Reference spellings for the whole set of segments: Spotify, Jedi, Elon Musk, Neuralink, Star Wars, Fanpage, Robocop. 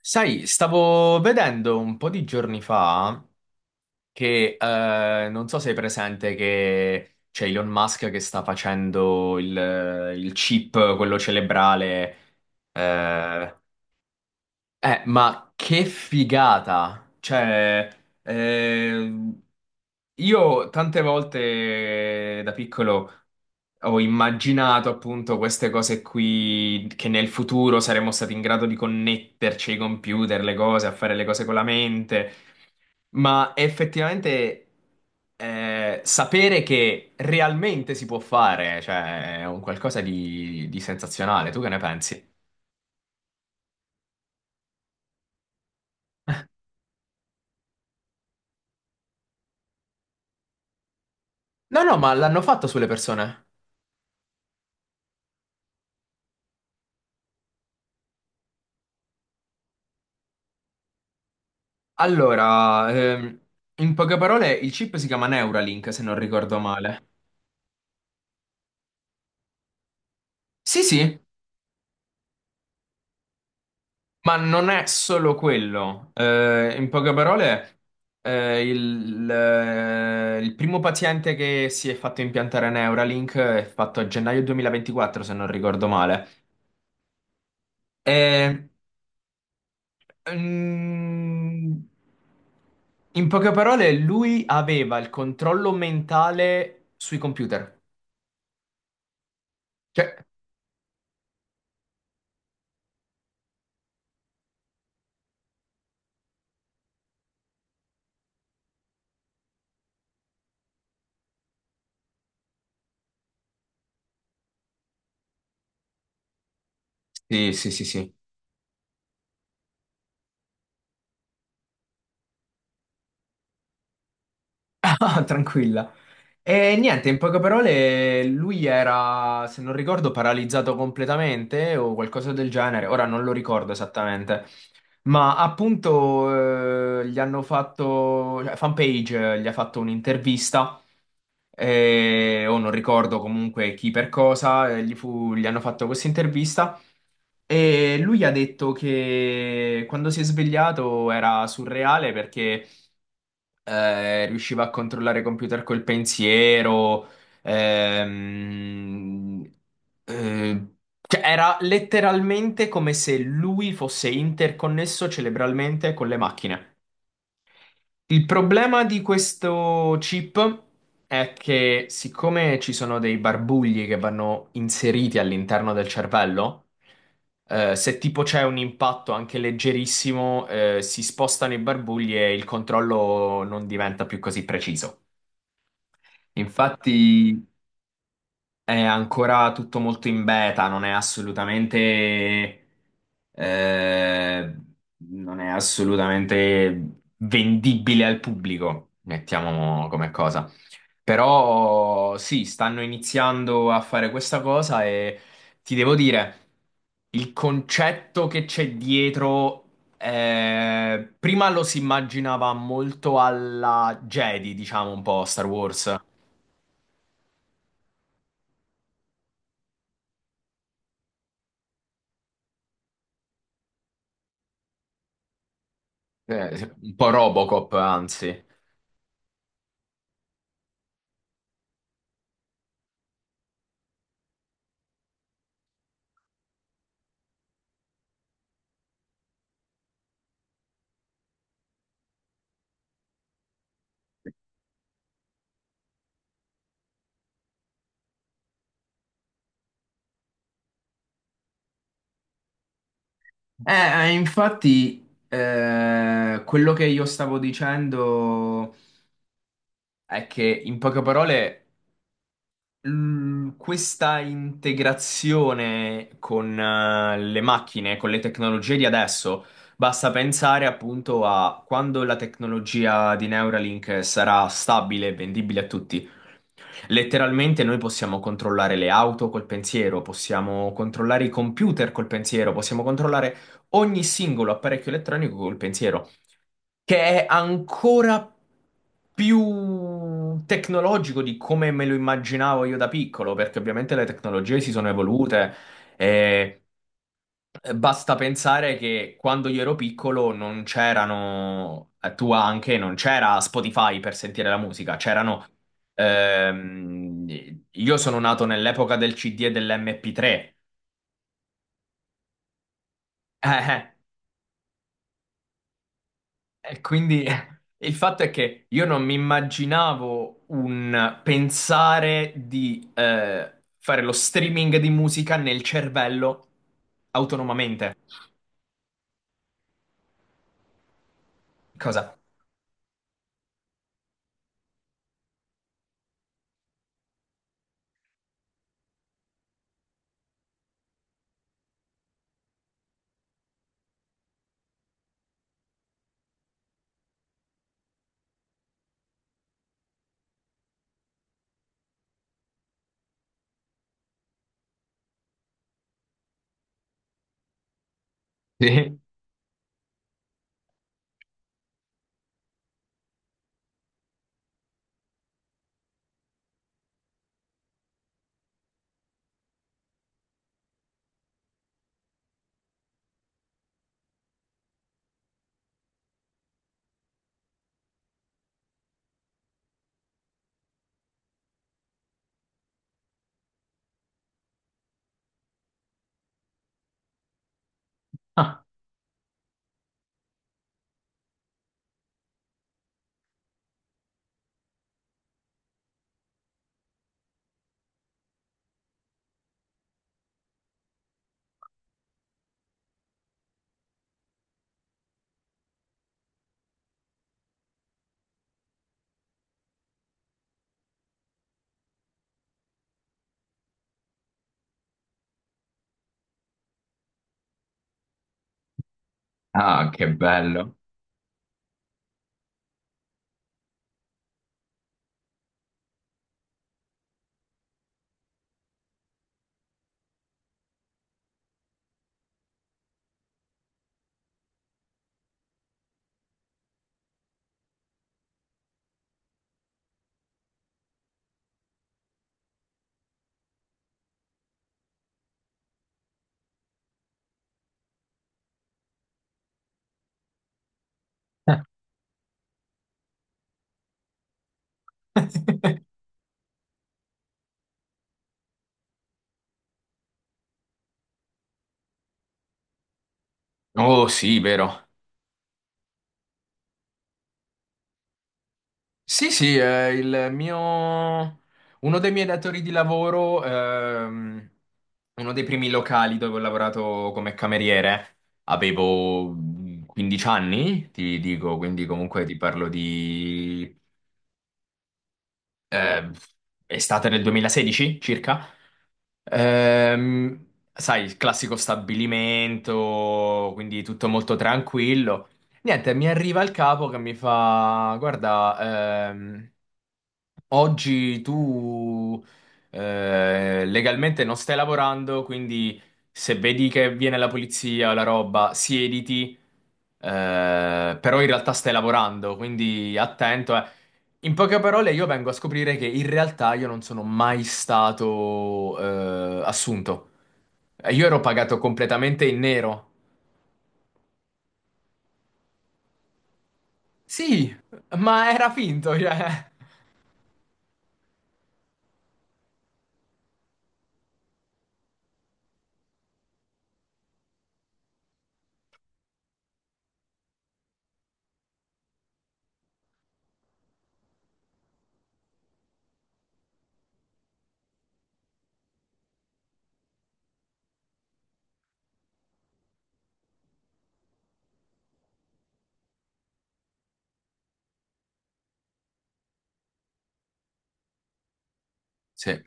Sai, stavo vedendo un po' di giorni fa che non so se è presente che c'è Elon Musk che sta facendo il chip, quello cerebrale. eh, ma che figata! Ehm, io tante volte da piccolo ho immaginato appunto queste cose qui, che nel futuro saremmo stati in grado di connetterci ai computer, le cose, a fare le cose con la mente, ma effettivamente sapere che realmente si può fare, cioè, è un qualcosa di sensazionale. Tu che ne pensi? No, no, ma l'hanno fatto sulle persone. Allora, in poche parole, il chip si chiama Neuralink, se non ricordo male. Sì, sì, ma non è solo quello. In poche parole, il primo paziente che si è fatto impiantare Neuralink è fatto a gennaio 2024, se non ricordo male. E, mm, in poche parole, lui aveva il controllo mentale sui computer. Cioè, sì, sì, sì, sì. Ah, tranquilla. E niente, in poche parole, lui era, se non ricordo, paralizzato completamente o qualcosa del genere. Ora non lo ricordo esattamente. Ma appunto, gli hanno fatto, cioè, Fanpage, gli ha fatto un'intervista o non ricordo comunque chi per cosa, gli hanno fatto questa intervista e lui ha detto che quando si è svegliato era surreale perché riusciva a controllare i computer col pensiero, ehm, eh, cioè era letteralmente come se lui fosse interconnesso cerebralmente con le macchine. Il problema di questo chip è che siccome ci sono dei barbugli che vanno inseriti all'interno del cervello, se tipo c'è un impatto anche leggerissimo, si spostano i barbugli e il controllo non diventa più così preciso. Infatti, è ancora tutto molto in beta, non è assolutamente, eh, non è assolutamente vendibile al pubblico, mettiamo come cosa. Però sì, stanno iniziando a fare questa cosa e ti devo dire, il concetto che c'è dietro, prima lo si immaginava molto alla Jedi, diciamo un po' Star Wars, un po' Robocop, anzi. Infatti, quello che io stavo dicendo è che, in poche parole, questa integrazione con le macchine, con le tecnologie di adesso, basta pensare appunto a quando la tecnologia di Neuralink sarà stabile e vendibile a tutti. Letteralmente noi possiamo controllare le auto col pensiero, possiamo controllare i computer col pensiero, possiamo controllare ogni singolo apparecchio elettronico col pensiero che è ancora più tecnologico di come me lo immaginavo io da piccolo, perché ovviamente le tecnologie si sono evolute e basta pensare che quando io ero piccolo non c'erano, tu anche, non c'era Spotify per sentire la musica, c'erano... io sono nato nell'epoca del CD e dell'MP3. E quindi il fatto è che io non mi immaginavo un pensare di fare lo streaming di musica nel cervello autonomamente. Cosa? Sì. Ah, ah, che bello. Oh, sì, vero. Sì, sì, il mio. Uno dei miei datori di lavoro, uno dei primi locali dove ho lavorato come cameriere, avevo 15 anni, ti dico, quindi comunque ti parlo di eh, estate del 2016 circa. Ehm, Sai, il classico stabilimento, quindi tutto molto tranquillo. Niente, mi arriva il capo che mi fa: Guarda, oggi tu legalmente non stai lavorando, quindi se vedi che viene la polizia o la roba, siediti. Però in realtà stai lavorando, quindi attento. In poche parole, io vengo a scoprire che in realtà io non sono mai stato assunto. Io ero pagato completamente in nero. Sì, ma era finto, cioè. Sì,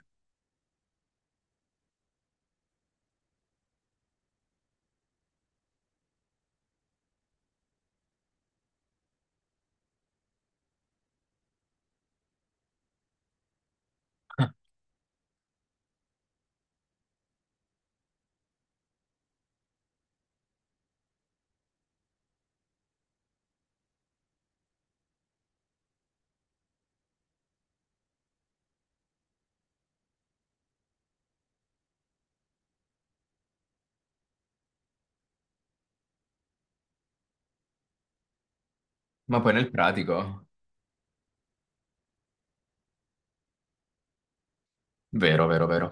ma poi nel pratico. Vero, vero, vero.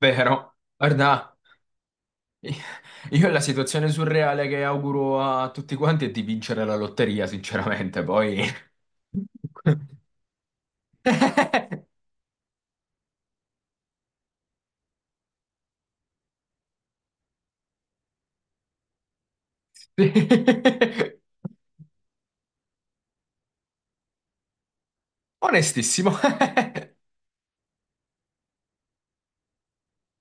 Vero. Guarda, io la situazione surreale che auguro a tutti quanti è di vincere la lotteria, sinceramente, poi. Sì. Onestissimo.